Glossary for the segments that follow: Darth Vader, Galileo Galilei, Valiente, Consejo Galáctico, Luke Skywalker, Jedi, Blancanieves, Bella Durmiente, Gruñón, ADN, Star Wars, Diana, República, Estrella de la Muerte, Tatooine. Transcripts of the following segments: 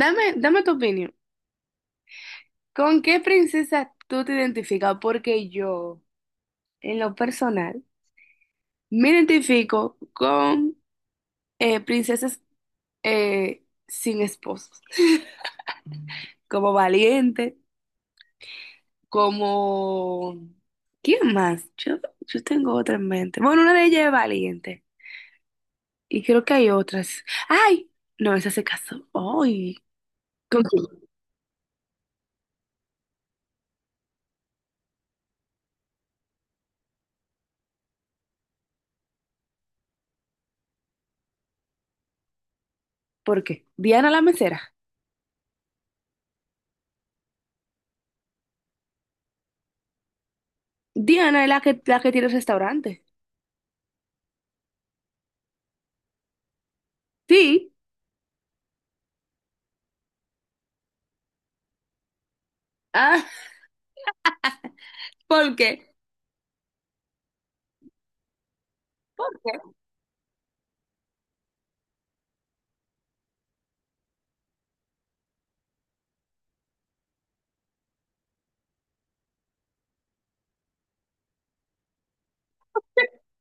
Dame, dame tu opinión. ¿Con qué princesa tú te identificas? Porque yo, en lo personal, me identifico con princesas sin esposos. Como Valiente, como... ¿Quién más? Yo tengo otra en mente. Bueno, una de ellas es Valiente. Y creo que hay otras. ¡Ay! No, esa se casó. ¡Ay! ¿Con quién? ¿Por qué? Diana la mesera. Diana es la que tiene el restaurante. Sí. Ah, ¿por qué? ¿Por qué?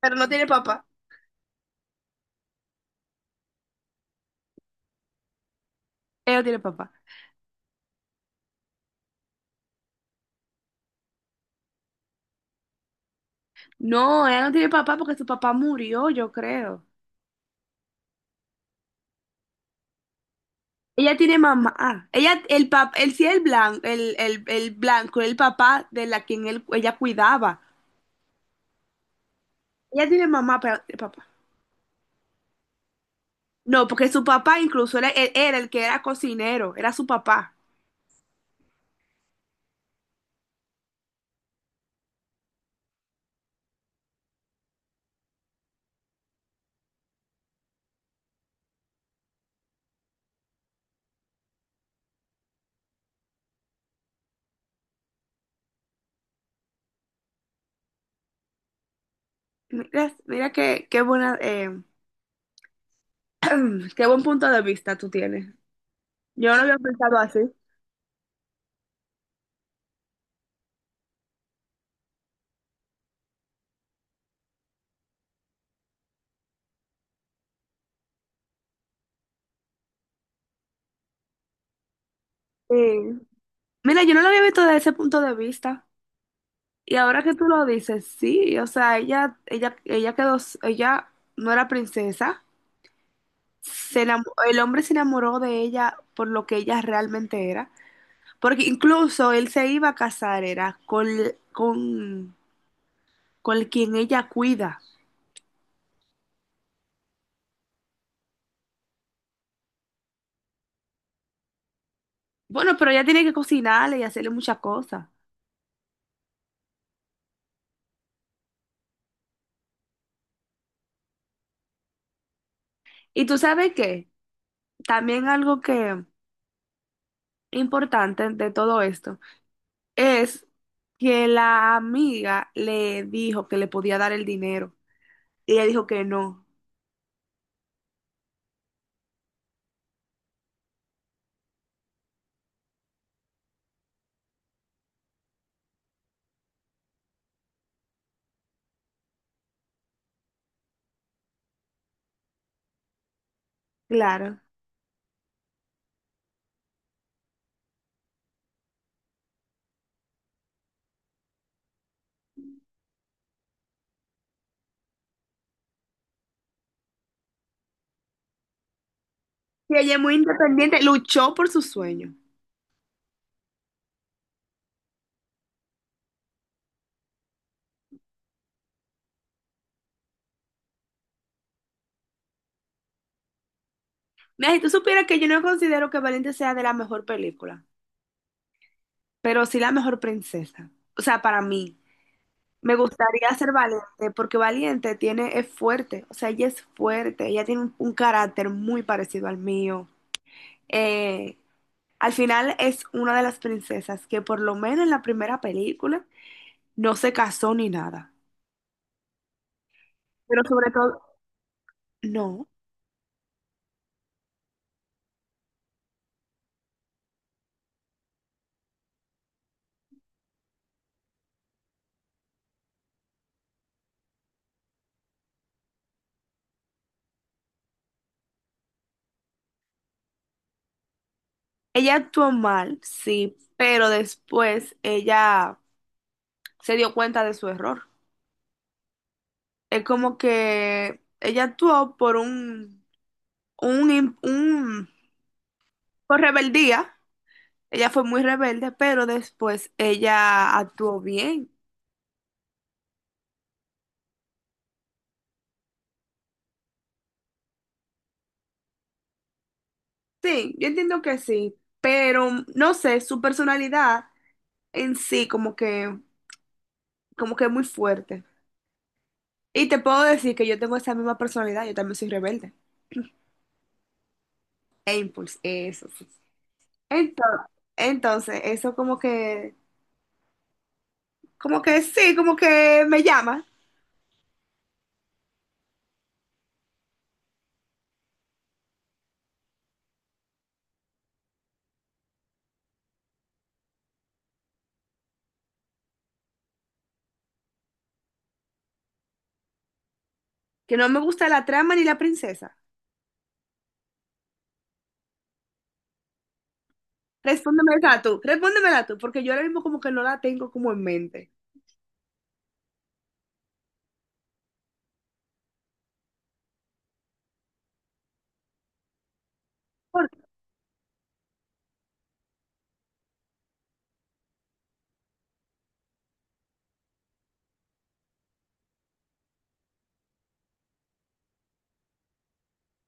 Pero no tiene papá. Ella no tiene papá. No, ella no tiene papá porque su papá murió, yo creo. Ella tiene mamá. Ah, ella, el pap, él sí el blanco, el blanco, el papá de la quien él, ella cuidaba. Ella tiene mamá, pero no tiene papá. No, porque su papá incluso era, él era el que era cocinero, era su papá. Mira, mira qué, qué buena, qué buen punto de vista tú tienes. Yo no lo había pensado así. Sí. Mira, yo no lo había visto desde ese punto de vista. Y ahora que tú lo dices, sí, o sea, ella quedó, ella no era princesa, se enamo- el hombre se enamoró de ella por lo que ella realmente era, porque incluso él se iba a casar, era con, con quien ella cuida. Bueno, pero ella tiene que cocinarle y hacerle muchas cosas. Y tú sabes qué, también algo que importante de todo esto es que la amiga le dijo que le podía dar el dinero. Y ella dijo que no. Claro. Y ella es muy independiente, luchó por su sueño. Mira, si tú supieras que yo no considero que Valiente sea de la mejor película, pero sí la mejor princesa. O sea, para mí, me gustaría ser Valiente porque Valiente tiene, es fuerte, o sea, ella es fuerte, ella tiene un carácter muy parecido al mío. Eh, al final es una de las princesas que por lo menos en la primera película no se casó ni nada, pero sobre todo, no. Ella actuó mal, sí, pero después ella se dio cuenta de su error. Es como que ella actuó por un por rebeldía. Ella fue muy rebelde, pero después ella actuó bien. Sí, yo entiendo que sí, pero no sé, su personalidad en sí como que es muy fuerte. Y te puedo decir que yo tengo esa misma personalidad, yo también soy rebelde. E impulsiva, eso. Entonces, entonces, eso como que sí, como que me llama, que no me gusta la trama ni la princesa. Respóndemela tú, porque yo ahora mismo como que no la tengo como en mente. ¿Por qué?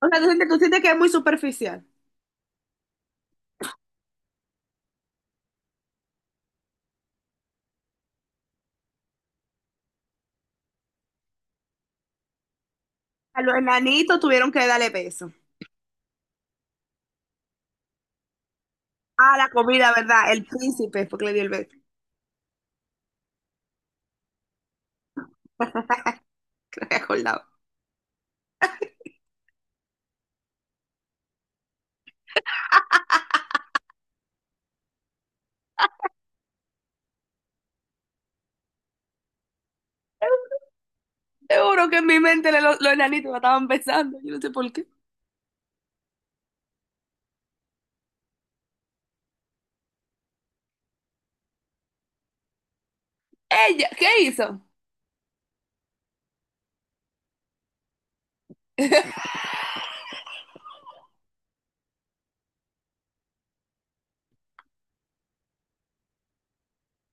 O sea, tú sientes que es muy superficial. A los enanitos tuvieron que darle beso. Ah, la comida, ¿verdad? El príncipe, porque le dio el beso, que no me acordaba. Seguro que en mi mente le- los enanitos me estaban besando, yo no sé por qué. Ella, ¿qué hizo? ¿Y de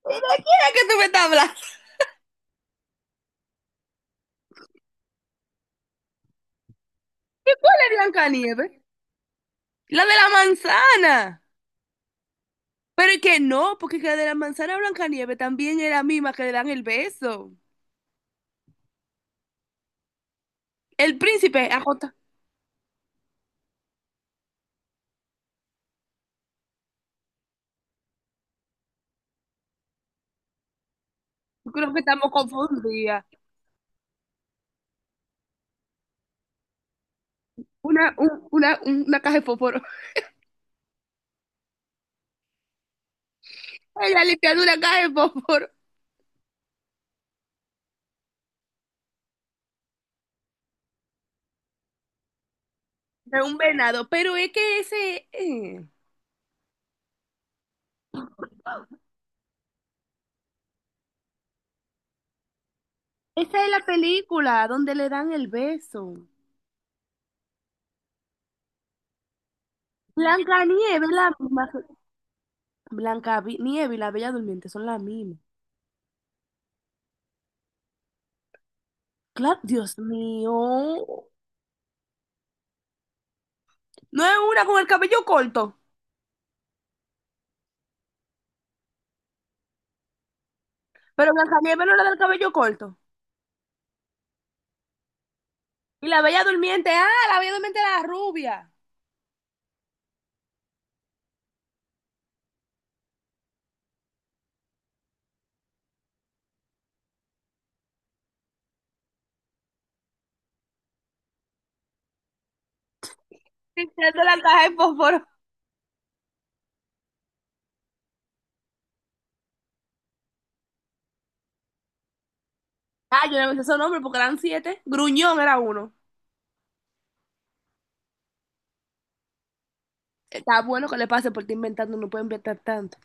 quién es que tú me estás hablando? ¿Y cuál es Blancanieves? La de la manzana. Pero es que no, porque que la de la manzana Blancanieves también es la misma que le dan el beso. El príncipe, ajota. Yo creo que estamos confundidas. Una caja de fósforo. Ella le quedó una caja de fósforo. De un venado. Pero es que ese. Esa es la película donde le dan el beso. Blancanieves, la misma. Blanca Nieve y la Bella Durmiente son la misma. Claro, Dios mío. No es una con el cabello corto. Pero Blancanieves no era del cabello corto. Y la Bella Durmiente, ah, la Bella Durmiente era la rubia. Sí, que es de la caja de fósforo. Ah, yo no me sé esos nombres porque eran siete. Gruñón era uno. Está bueno que le pase por porque inventando, no puede inventar tanto.